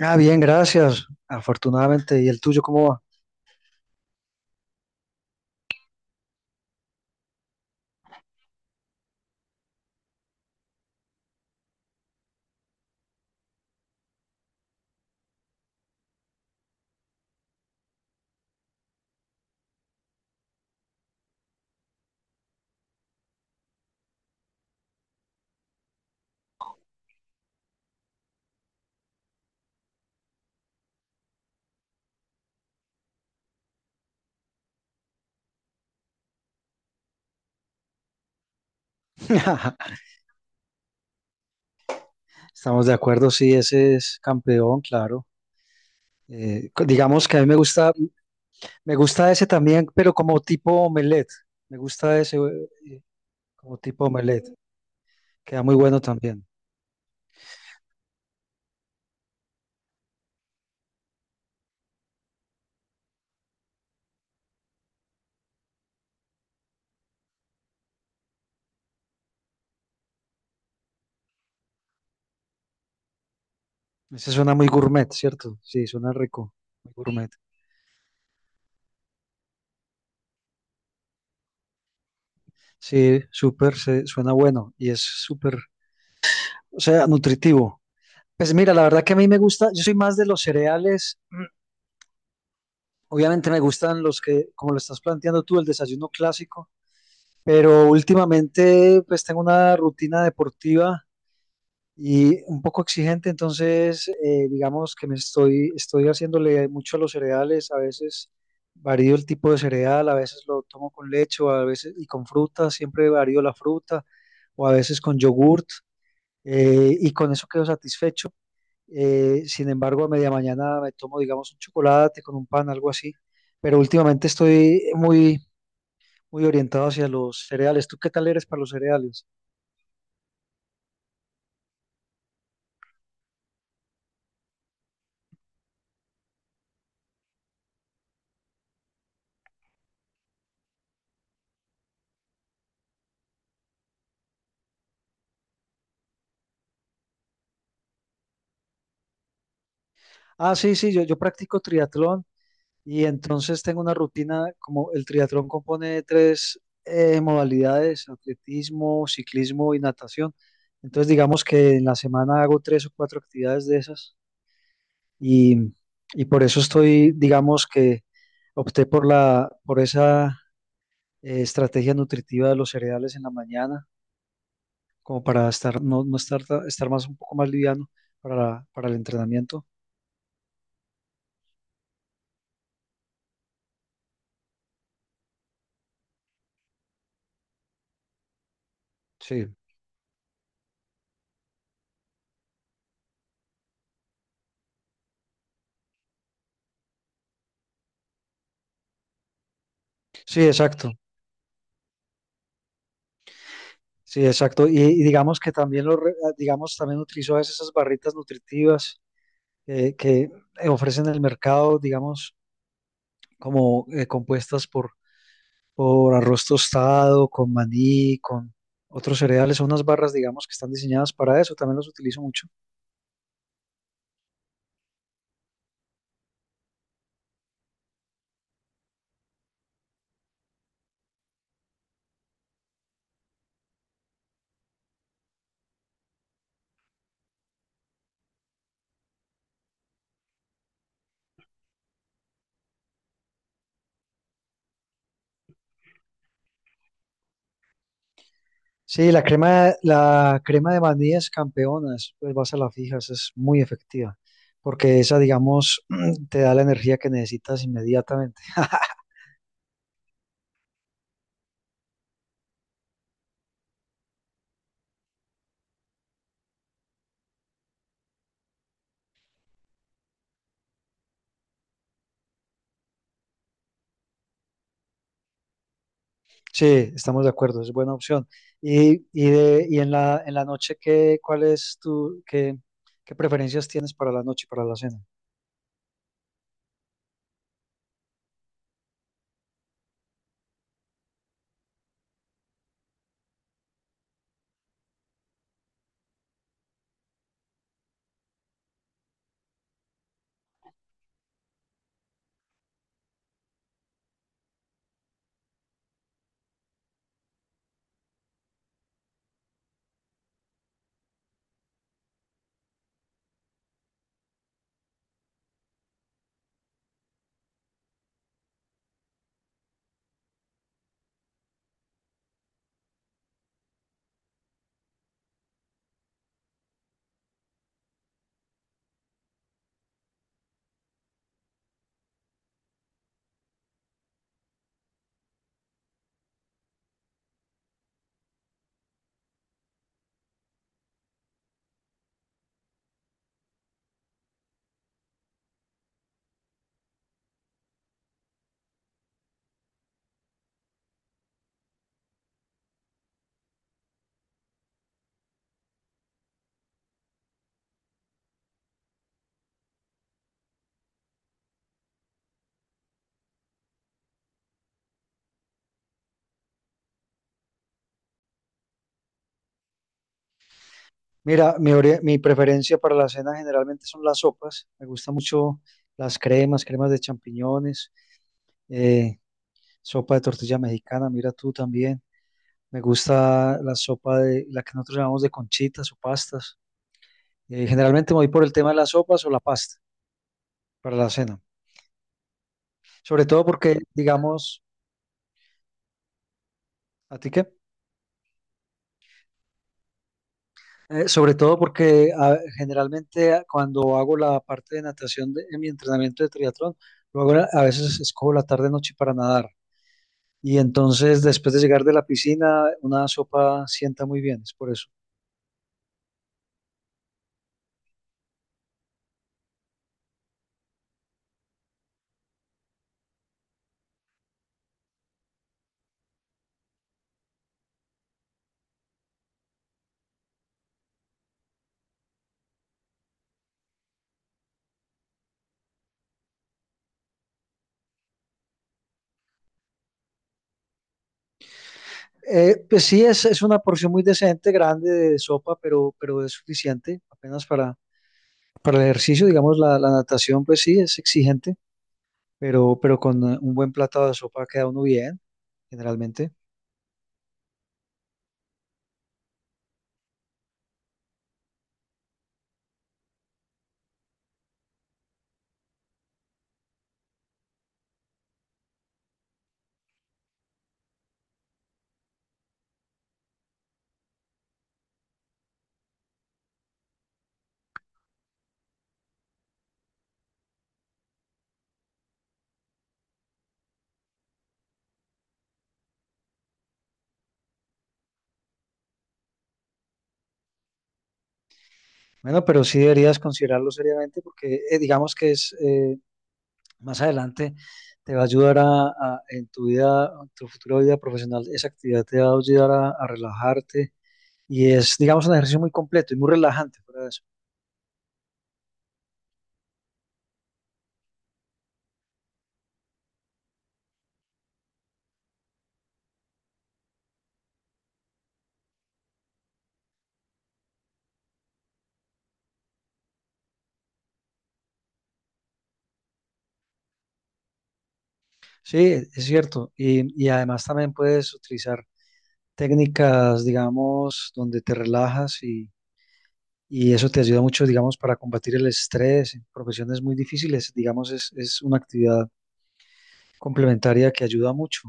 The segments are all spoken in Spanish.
Bien, gracias. Afortunadamente. ¿Y el tuyo cómo va? Estamos de acuerdo, sí, ese es campeón, claro. Digamos que a mí me gusta ese también, pero como tipo omelette. Me gusta ese como tipo omelette. Queda muy bueno también. Ese suena muy gourmet, ¿cierto? Sí, suena rico, muy gourmet. Sí, súper, suena bueno y es súper, o sea, nutritivo. Pues mira, la verdad que a mí me gusta, yo soy más de los cereales. Obviamente me gustan los que, como lo estás planteando tú, el desayuno clásico, pero últimamente pues tengo una rutina deportiva y un poco exigente, entonces digamos que estoy haciéndole mucho a los cereales, a veces varío el tipo de cereal, a veces lo tomo con leche, o a veces y con fruta, siempre varío la fruta, o a veces con yogurt, y con eso quedo satisfecho. Sin embargo, a media mañana me tomo, digamos, un chocolate con un pan, algo así. Pero últimamente estoy muy, muy orientado hacia los cereales. ¿Tú qué tal eres para los cereales? Ah, sí, sí, yo practico triatlón y entonces tengo una rutina, como el triatlón compone de tres modalidades, atletismo, ciclismo y natación. Entonces, digamos que en la semana hago tres o cuatro actividades de esas y, y por eso estoy, digamos que opté por por esa estrategia nutritiva de los cereales en la mañana, como para estar, no, no estar, estar más, un poco más liviano para el entrenamiento. Sí, sí, exacto. Sí, exacto. Y digamos que también, digamos, también utilizo a veces esas barritas nutritivas que ofrecen en el mercado, digamos, como compuestas por arroz tostado, con maní, con otros cereales. Son unas barras, digamos, que están diseñadas para eso. También las utilizo mucho. Sí, la crema de vainillas campeonas, pues vas a la fija, esa es muy efectiva, porque esa, digamos, te da la energía que necesitas inmediatamente. Sí, estamos de acuerdo, es buena opción. Y en la noche, ¿qué, cuál es tu, qué, qué preferencias tienes para la noche, para la cena? Mira, mi preferencia para la cena generalmente son las sopas, me gustan mucho las cremas, cremas de champiñones, eh, sopa de tortilla mexicana, mira tú también. Me gusta la sopa de la que nosotros llamamos de conchitas o pastas. Generalmente me voy por el tema de las sopas o la pasta para la cena. Sobre todo porque, digamos, ¿a ti qué? Sobre todo porque generalmente cuando hago la parte de natación en mi entrenamiento de triatlón, luego a veces escojo la tarde noche para nadar. Y entonces después de llegar de la piscina, una sopa sienta muy bien, es por eso. Pues sí, es una porción muy decente, grande de sopa, pero es suficiente apenas para. Para el ejercicio, digamos, la natación, pues sí, es exigente, pero con un buen plato de sopa queda uno bien, generalmente. Bueno, pero sí deberías considerarlo seriamente porque digamos que es más adelante te va a ayudar a, en tu vida, en tu futura vida profesional, esa actividad te va a ayudar a relajarte y es, digamos, un ejercicio muy completo y muy relajante fuera de eso. Sí, es cierto. Y además también puedes utilizar técnicas, digamos, donde te relajas y eso te ayuda mucho, digamos, para combatir el estrés en profesiones muy difíciles. Digamos, es una actividad complementaria que ayuda mucho.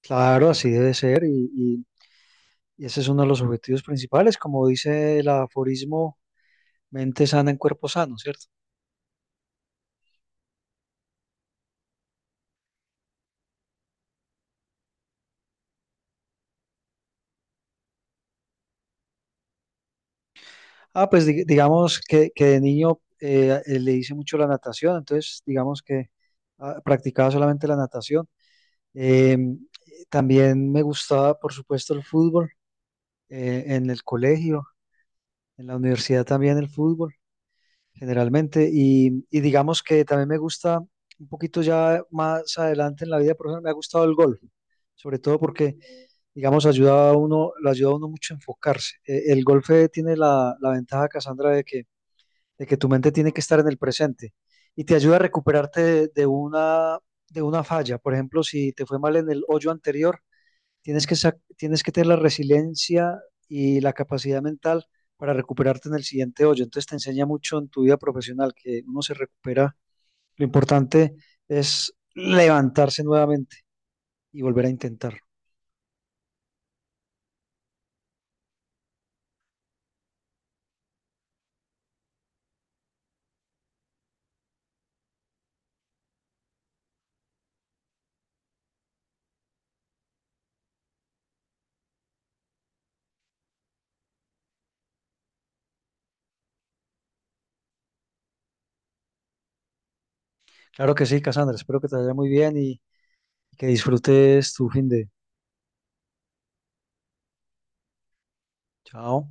Claro, así debe ser y ese es uno de los objetivos principales, como dice el aforismo, mente sana en cuerpo sano, ¿cierto? Pues digamos que de niño le hice mucho la natación, entonces digamos que practicaba solamente la natación. También me gustaba, por supuesto, el fútbol en el colegio, en la universidad también el fútbol generalmente. Y digamos que también me gusta un poquito ya más adelante en la vida profesional, me ha gustado el golf, sobre todo porque, digamos, ayuda a uno, lo ayuda a uno mucho a enfocarse. El golf tiene la, la ventaja, Cassandra, de que tu mente tiene que estar en el presente y te ayuda a recuperarte de una falla. Por ejemplo, si te fue mal en el hoyo anterior, tienes que, tienes que tener la resiliencia y la capacidad mental para recuperarte en el siguiente hoyo. Entonces te enseña mucho en tu vida profesional que uno se recupera. Lo importante es levantarse nuevamente y volver a intentar. Claro que sí, Cassandra. Espero que te vaya muy bien y que disfrutes tu fin de... Chao.